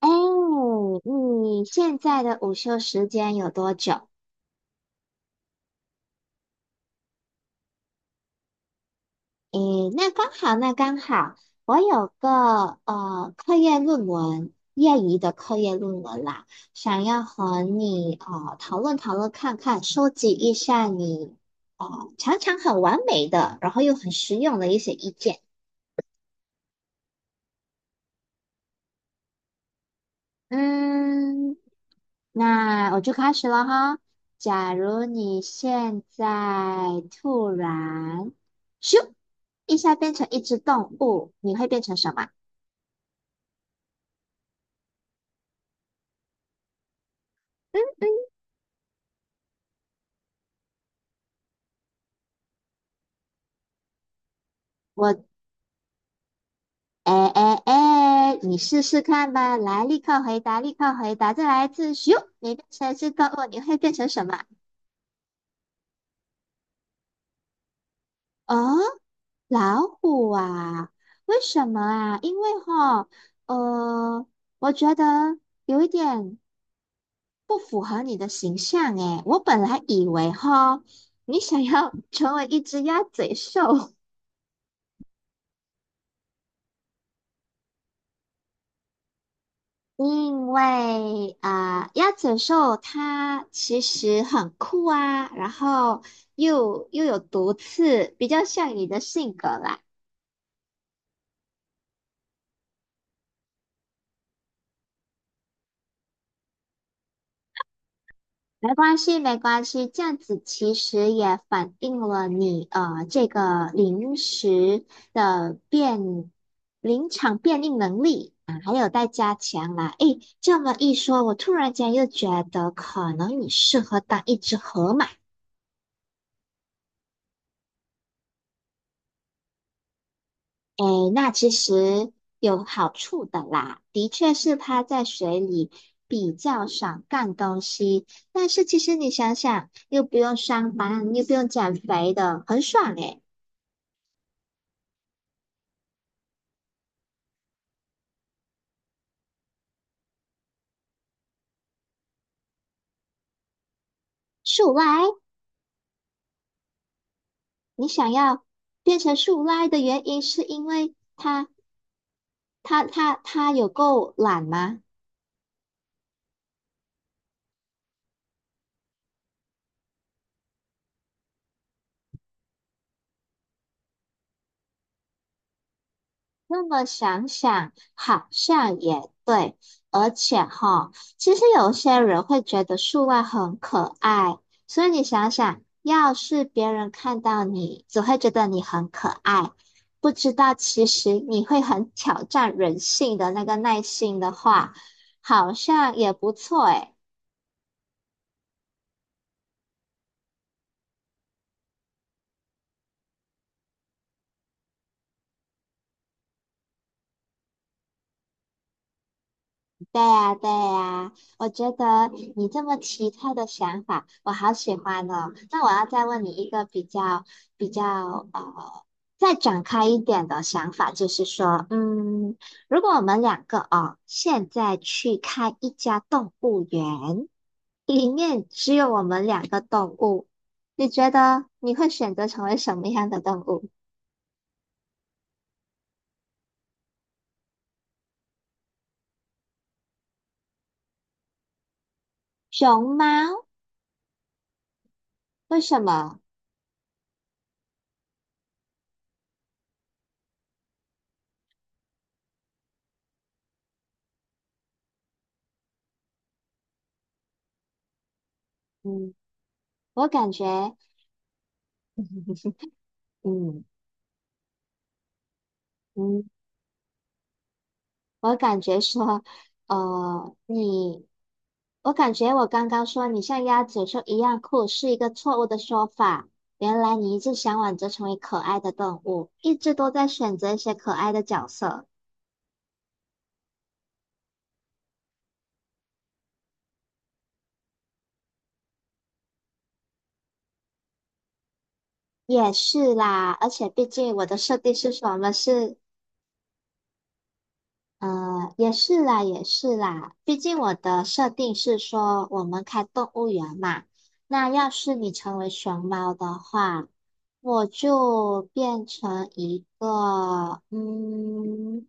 哎，你现在的午休时间有多久？诶，那刚好，那刚好，我有个呃课业论文，业余的课业论文啦，想要和你讨论讨论看看，收集一下你常常很完美的，然后又很实用的一些意见。嗯，那我就开始了哈。假如你现在突然咻一下变成一只动物，你会变成什么？我哎哎哎，你试试看吧，来，立刻回答，立刻回答，再来一次咻！你变成一只动物，你会变成什么？哦，老虎啊？为什么啊？因为哈，呃，我觉得有一点。不符合你的形象诶，我本来以为哈，你想要 成为一只鸭嘴兽，因为啊、鸭嘴兽它其实很酷啊，然后又有毒刺，比较像你的性格啦。没关系，没关系，这样子其实也反映了你这个的变临场变应能力啊，还有待加强啦。诶，这么一说，我突然间又觉得可能你适合当一只河马。诶，那其实有好处的啦，的确是趴在水里比较少干东西，但是其实你想想，又不用上班，又不用减肥的，很爽诶。树懒，你想要变成树懒的原因是因为它有够懒吗？那么想想好像也对，而且哈，其实有些人会觉得树懒很可爱，所以你想想，要是别人看到你，只会觉得你很可爱，不知道其实你会很挑战人性的那个耐性的话，好像也不错诶。对呀，对呀，我觉得你这么奇特的想法，我好喜欢哦。那我要再问你一个比较比较呃，再展开一点的想法，就是说，嗯，如果我们两个哦，现在去开一家动物园，里面只有我们两个动物，你觉得你会选择成为什么样的动物？熊猫？为什么？嗯，我感觉，嗯嗯。我感觉说，呃，你，我感觉我刚刚说你像鸭嘴兽一样酷是一个错误的说法。原来你一直向往着成为可爱的动物，一直都在选择一些可爱的角色。也是啦，而且毕竟我的设定是什么是呃，也是啦，也是啦。毕竟我的设定是说，我们开动物园嘛。那要是你成为熊猫的话，我就变成一个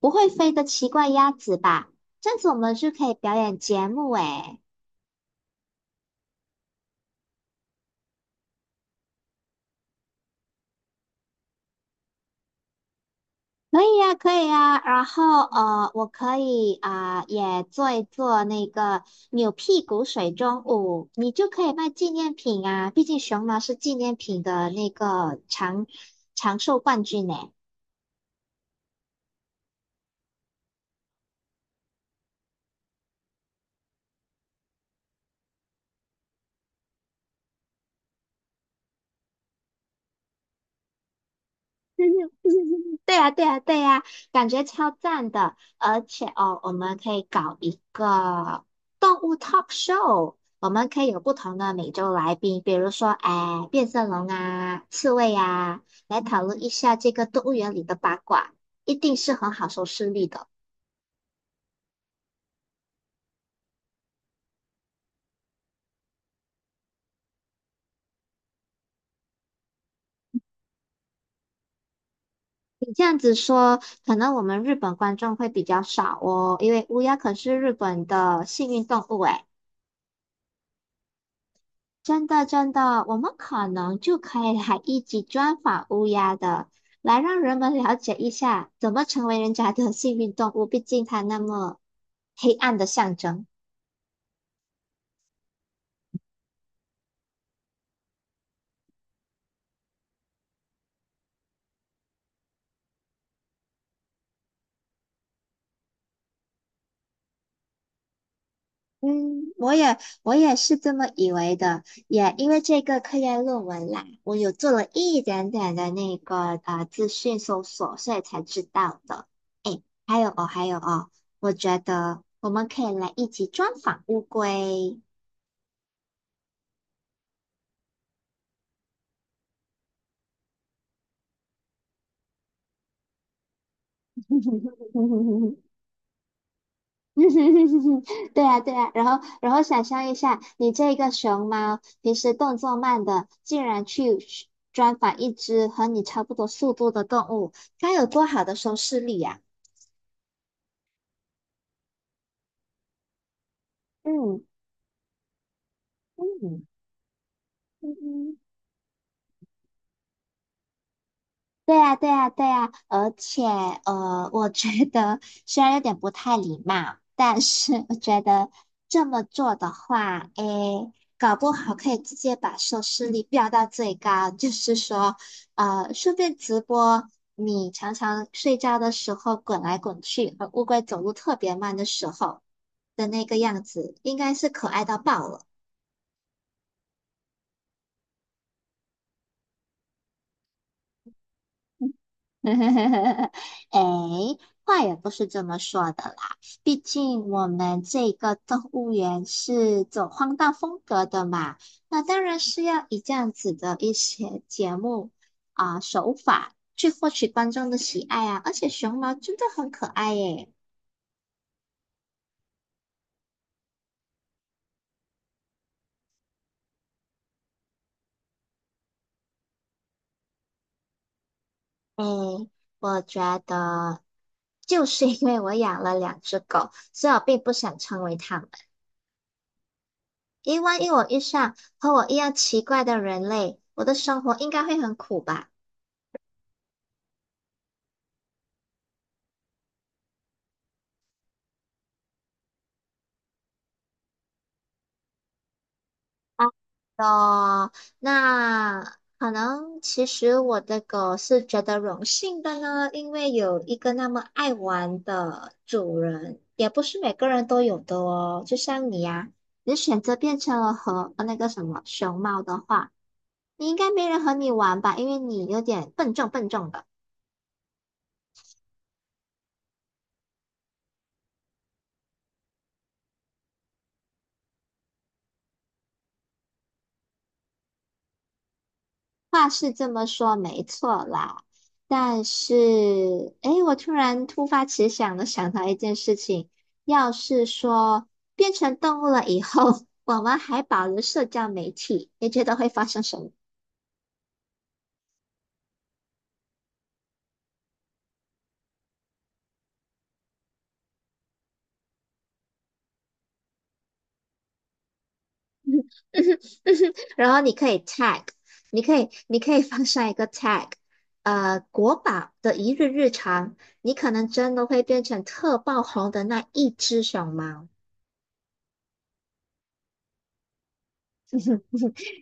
不会飞的奇怪鸭子吧。这样子我们就可以表演节目诶。可以呀，可以呀，然后我可以啊、也做一做那个扭屁股水中舞，你就可以卖纪念品啊，毕竟熊猫是纪念品的那个长寿冠军呢。对对对对呀，对呀，对呀，感觉超赞的。而且哦，我们可以搞一个动物 talk show，我们可以有不同的美洲来宾，比如说，哎，变色龙啊，刺猬啊，来讨论一下这个动物园里的八卦，一定是很好收视率的。你这样子说，可能我们日本观众会比较少哦，因为乌鸦可是日本的幸运动物诶。真的，真的，我们可能就可以来一起专访乌鸦的，来让人们了解一下怎么成为人家的幸运动物。毕竟它那么黑暗的象征。嗯，我也是这么以为的，也因为这个科研论文啦，我有做了一点点的那个资讯搜索，所以才知道的。诶，还有哦，还有哦，我觉得我们可以来一起专访乌龟。嗯哼哼哼哼，对啊对啊，然后想象一下，你这个熊猫平时动作慢的，竟然去专访一只和你差不多速度的动物，该有多好的收视率呀、嗯嗯嗯。对呀，对呀，对呀，而且我觉得虽然有点不太礼貌，但是我觉得这么做的话，诶，搞不好可以直接把收视率飙到最高。就是说，顺便直播你常常睡觉的时候滚来滚去，和乌龟走路特别慢的时候的那个样子，应该是可爱到爆了。哎，话也不是这么说的啦。毕竟我们这个动物园是走荒诞风格的嘛，那当然是要以这样子的一些节目啊、手法去获取观众的喜爱啊。而且熊猫真的很可爱耶。哎，我觉得就是因为我养了两只狗，所以我并不想成为它们。因为万一我遇上和我一样奇怪的人类，我的生活应该会很苦吧。哦，那可能其实我的狗是觉得荣幸的呢，因为有一个那么爱玩的主人，也不是每个人都有的哦。就像你呀、你选择变成了和那个什么熊猫的话，你应该没人和你玩吧，因为你有点笨重笨重的。话是这么说，没错啦。但是，诶，我突然突发奇想的想到一件事情，要是说变成动物了以后，我们还保留社交媒体，你觉得会发生什么？然后你可以 tag，你可以放上一个 tag，国宝的一日日常，你可能真的会变成特爆红的那一只熊猫。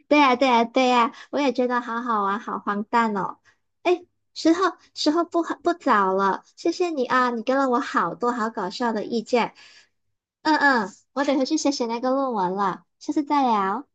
对呀，对呀，对呀，我也觉得好好玩，好荒诞哦。哎，时候不早了，谢谢你啊，你给了我好多好搞笑的意见。嗯嗯，我得回去写写那个论文了，下次再聊。